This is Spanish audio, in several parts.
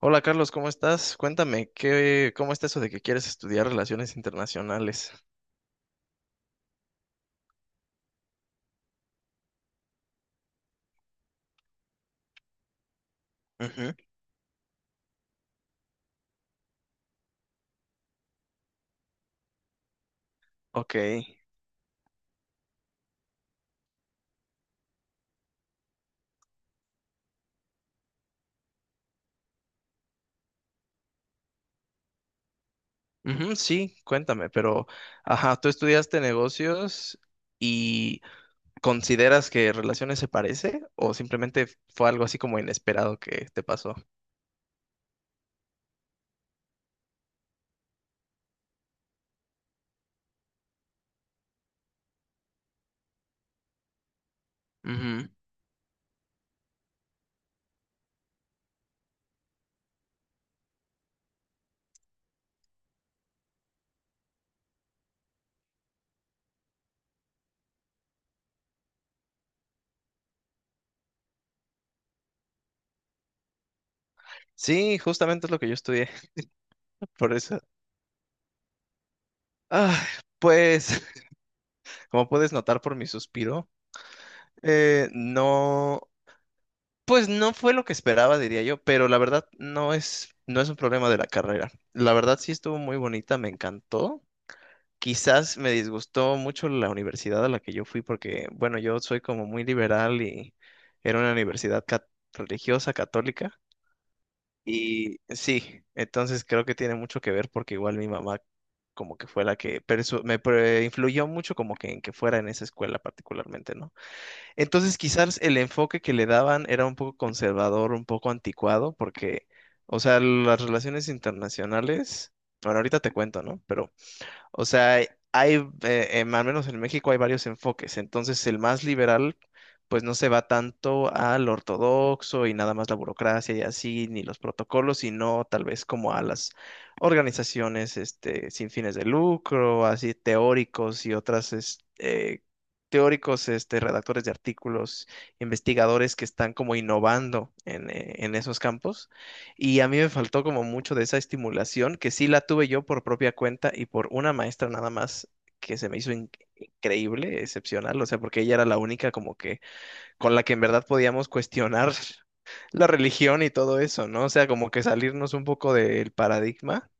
Hola Carlos, ¿cómo estás? Cuéntame, ¿cómo está eso de que quieres estudiar relaciones internacionales? Ujú, ok. Ujú, sí, cuéntame, pero, ajá, ¿tú estudiaste negocios y consideras que relaciones se parece o simplemente fue algo así como inesperado que te pasó? Ujú. Sí, justamente es lo que yo estudié, por eso. Ah, pues, como puedes notar por mi suspiro, no. Pues no fue lo que esperaba, diría yo, pero la verdad no es un problema de la carrera. La verdad sí estuvo muy bonita, me encantó. Quizás me disgustó mucho la universidad a la que yo fui porque, bueno, yo soy como muy liberal y era una universidad religiosa, católica. Y sí, entonces creo que tiene mucho que ver porque igual mi mamá como que fue la que influyó mucho como que en que fuera en esa escuela particularmente, ¿no? Entonces, quizás el enfoque que le daban era un poco conservador, un poco anticuado, porque, o sea, las relaciones internacionales, bueno, ahorita te cuento, ¿no? Pero o sea, al menos en México hay varios enfoques. Entonces, el más liberal, pues no se va tanto al ortodoxo y nada más la burocracia y así, ni los protocolos, sino tal vez como a las organizaciones, este, sin fines de lucro, así teóricos y otras, teóricos, este, redactores de artículos, investigadores que están como innovando en esos campos. Y a mí me faltó como mucho de esa estimulación, que sí la tuve yo por propia cuenta y por una maestra nada más que se me hizo increíble, excepcional, o sea, porque ella era la única como que con la que en verdad podíamos cuestionar la religión y todo eso, ¿no? O sea, como que salirnos un poco del paradigma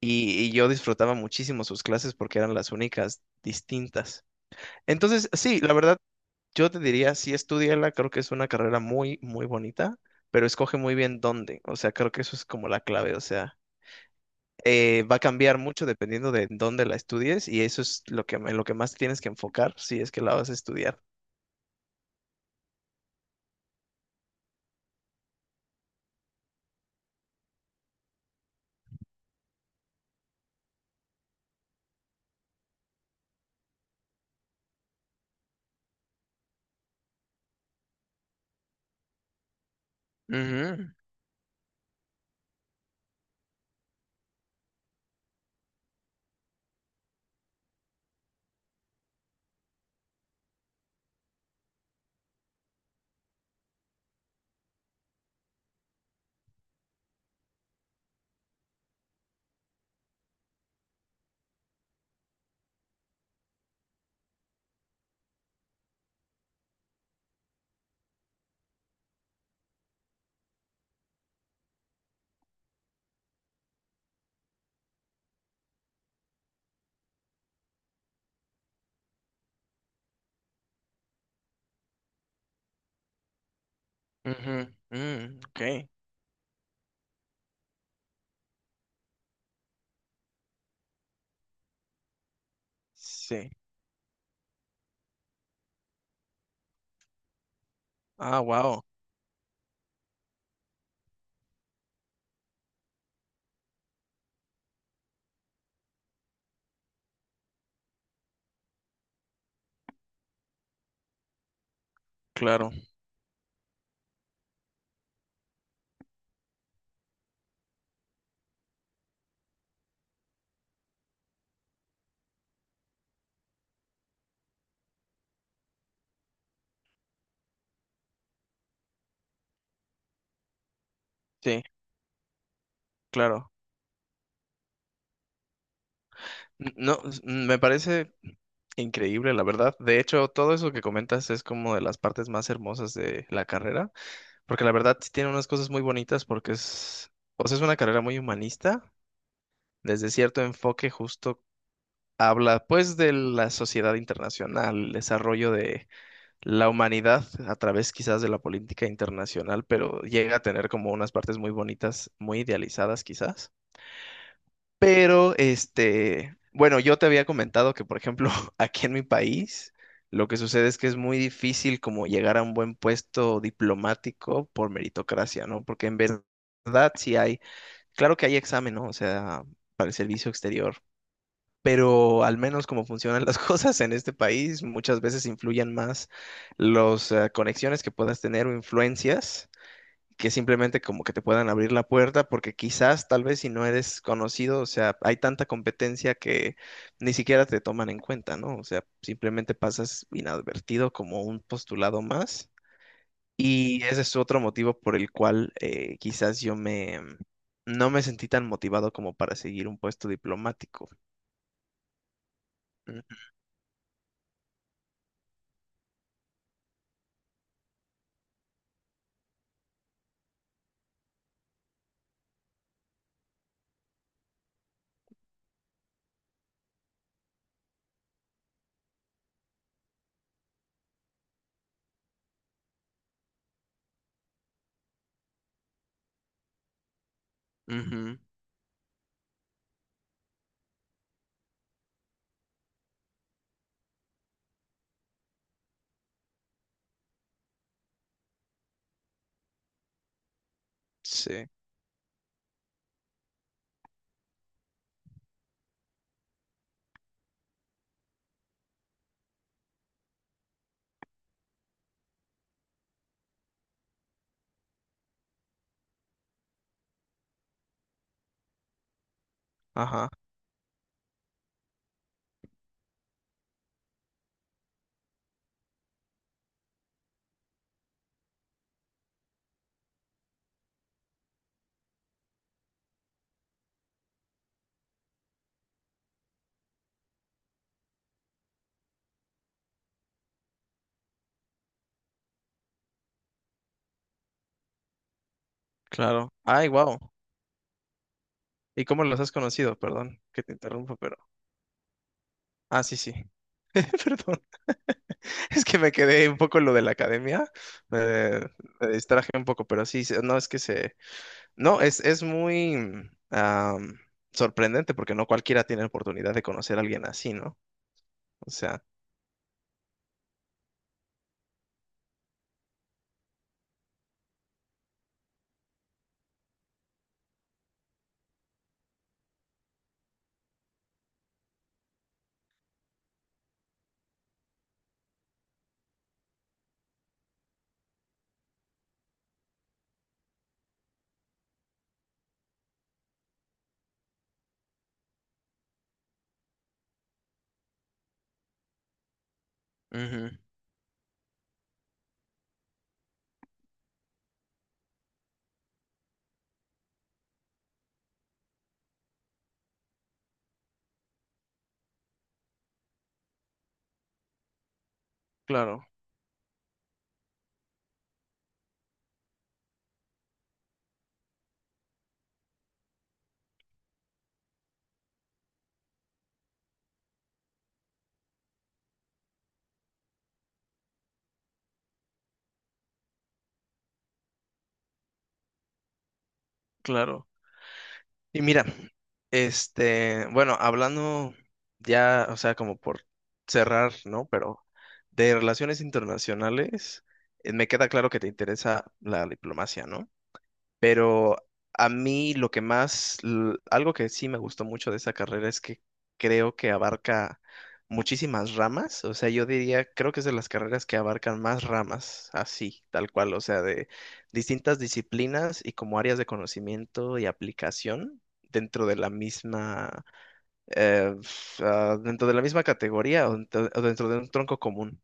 y yo disfrutaba muchísimo sus clases porque eran las únicas distintas. Entonces, sí, la verdad, yo te diría, sí, estudiala, creo que es una carrera muy, muy bonita, pero escoge muy bien dónde. O sea, creo que eso es como la clave. O sea, va a cambiar mucho dependiendo de dónde la estudies y eso es lo que, en lo que más tienes que enfocar si es que la vas a estudiar. Ujú, ujú, mm, ok, sí. Ah, wow, claro, sí, claro. No, me parece increíble, la verdad. De hecho, todo eso que comentas es como de las partes más hermosas de la carrera. Porque la verdad sí tiene unas cosas muy bonitas porque es, o sea, es una carrera muy humanista, desde cierto enfoque justo habla pues de la sociedad internacional, el desarrollo de la humanidad a través quizás de la política internacional, pero llega a tener como unas partes muy bonitas, muy idealizadas quizás. Pero, este, bueno, yo te había comentado que, por ejemplo, aquí en mi país, lo que sucede es que es muy difícil como llegar a un buen puesto diplomático por meritocracia, ¿no? Porque en verdad sí hay, claro que hay examen, ¿no? O sea, para el servicio exterior, pero al menos como funcionan las cosas en este país, muchas veces influyen más las conexiones que puedas tener o influencias que simplemente como que te puedan abrir la puerta, porque quizás, tal vez si no eres conocido, o sea, hay tanta competencia que ni siquiera te toman en cuenta, ¿no? O sea, simplemente pasas inadvertido como un postulado más. Y ese es otro motivo por el cual quizás yo me no me sentí tan motivado como para seguir un puesto diplomático. Ujú, ujú, sí, ajá, claro. Ay, wow. ¿Y cómo los has conocido? Perdón que te interrumpa, pero. Ah, sí, sí. Perdón. Es que me quedé un poco en lo de la academia, eh, me distraje un poco, pero sí, no, es que se... No, es muy sorprendente porque no cualquiera tiene la oportunidad de conocer a alguien así, ¿no? O sea, ujú, claro, claro. Y mira, este, bueno, hablando ya, o sea, como por cerrar, ¿no? Pero de relaciones internacionales, me queda claro que te interesa la diplomacia, ¿no? Pero a mí lo que más, algo que sí me gustó mucho de esa carrera es que creo que abarca muchísimas ramas. O sea, yo diría, creo que es de las carreras que abarcan más ramas, así, tal cual. O sea, de distintas disciplinas y como áreas de conocimiento y aplicación dentro de la misma, dentro de la misma categoría o dentro de un tronco común.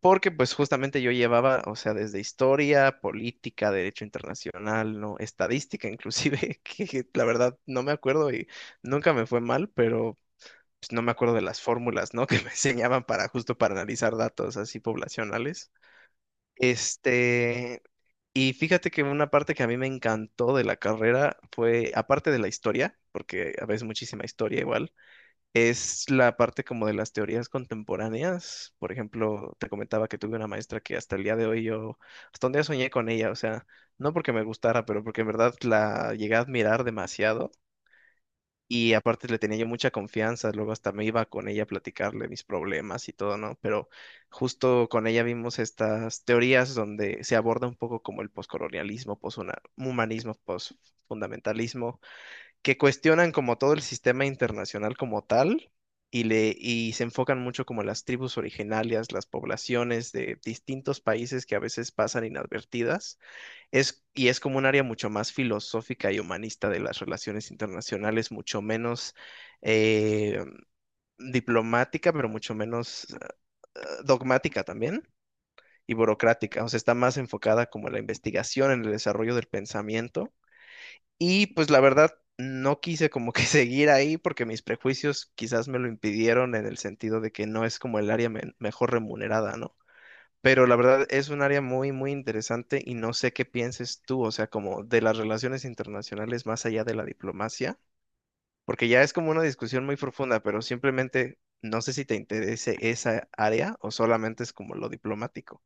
Porque pues justamente yo llevaba, o sea, desde historia, política, derecho internacional, no, estadística inclusive, que la verdad no me acuerdo y nunca me fue mal, pero pues, no me acuerdo de las fórmulas, ¿no? que me enseñaban para analizar datos así poblacionales. Este, y fíjate que una parte que a mí me encantó de la carrera fue, aparte de la historia, porque a veces muchísima historia igual es la parte como de las teorías contemporáneas. Por ejemplo, te comentaba que tuve una maestra que hasta el día de hoy yo, hasta un día soñé con ella, o sea, no porque me gustara, pero porque en verdad la llegué a admirar demasiado y aparte le tenía yo mucha confianza, luego hasta me iba con ella a platicarle mis problemas y todo, ¿no? Pero justo con ella vimos estas teorías donde se aborda un poco como el poscolonialismo, poshumanismo, posfundamentalismo que cuestionan como todo el sistema internacional como tal y se enfocan mucho como las tribus originarias, las poblaciones de distintos países que a veces pasan inadvertidas. Y es como un área mucho más filosófica y humanista de las relaciones internacionales, mucho menos eh, diplomática, pero mucho menos dogmática también y burocrática, o sea, está más enfocada como en la investigación, en el desarrollo del pensamiento y pues la verdad, no quise como que seguir ahí porque mis prejuicios quizás me lo impidieron en el sentido de que no es como el área mejor remunerada, ¿no? Pero la verdad es un área muy, muy interesante y no sé qué pienses tú, o sea, como de las relaciones internacionales más allá de la diplomacia, porque ya es como una discusión muy profunda, pero simplemente no sé si te interese esa área o solamente es como lo diplomático.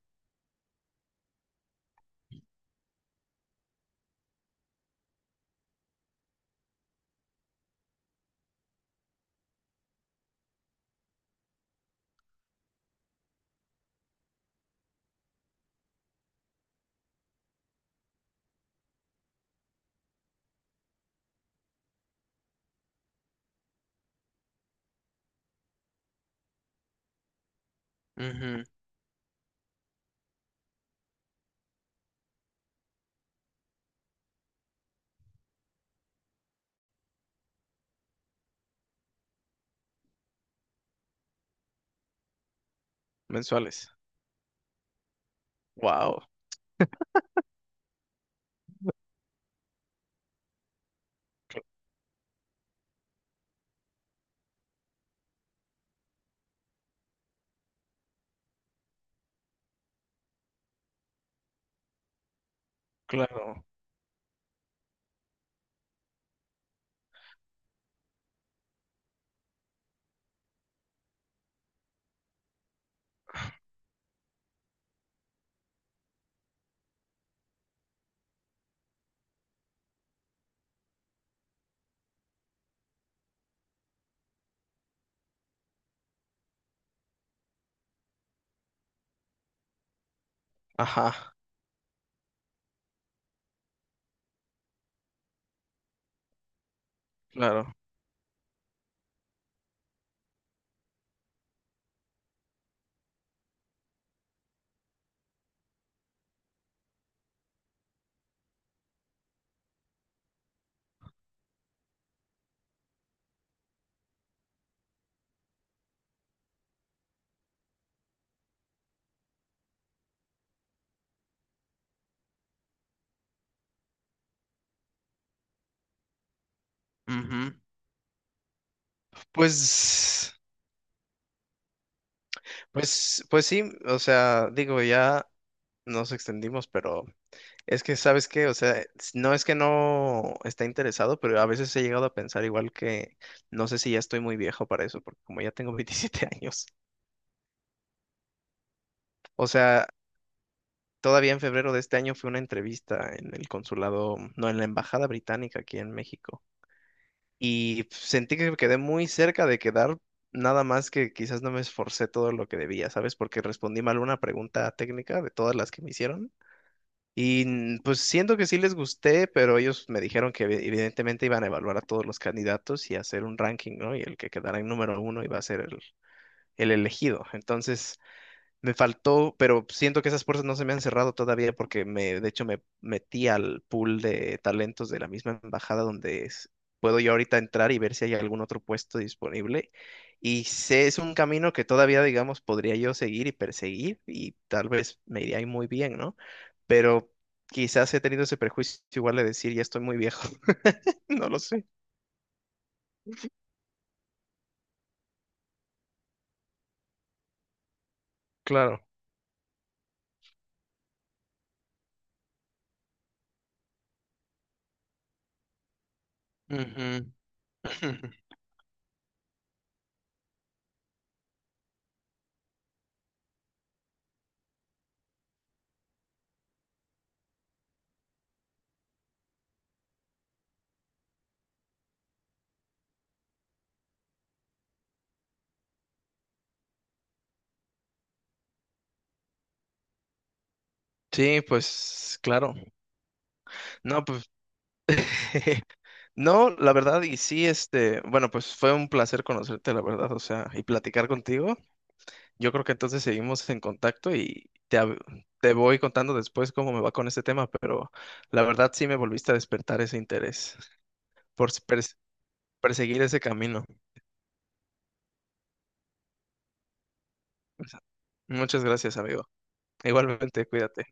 Ujú, mensuales. Wow, claro. Ajá, claro. Ujú. Pues, pues sí, o sea, digo, ya nos extendimos, pero es que, ¿sabes qué? O sea, no es que no está interesado, pero a veces he llegado a pensar igual que, no sé si ya estoy muy viejo para eso, porque como ya tengo 27 años, o sea, todavía en febrero de este año fue una entrevista en el consulado, no, en la embajada británica aquí en México. Y sentí que quedé muy cerca de quedar, nada más que quizás no me esforcé todo lo que debía, ¿sabes? Porque respondí mal una pregunta técnica de todas las que me hicieron. Y mm, pues siento que sí les gusté, pero ellos me dijeron que evidentemente iban a evaluar a todos los candidatos y hacer un ranking, ¿no? Y el que quedara en número uno iba a ser el elegido. Entonces me faltó, pero siento que esas puertas no se me han cerrado todavía porque me, de hecho, me metí al pool de talentos de la misma embajada donde puedo yo ahorita entrar y ver si hay algún otro puesto disponible. Y sé, es un camino que todavía, digamos, podría yo seguir y perseguir y tal vez me iría ahí muy bien, ¿no? Pero quizás he tenido ese prejuicio igual de decir, ya estoy muy viejo, no lo sé. Claro. Ujú. Sí, pues claro. No, pues no, la verdad, y sí, este, bueno, pues fue un placer conocerte, la verdad, o sea, y platicar contigo. Yo creo que entonces seguimos en contacto y te, te voy contando después cómo me va con este tema, pero la verdad sí me volviste a despertar ese interés por perseguir ese camino. Muchas gracias, amigo. Igualmente, cuídate.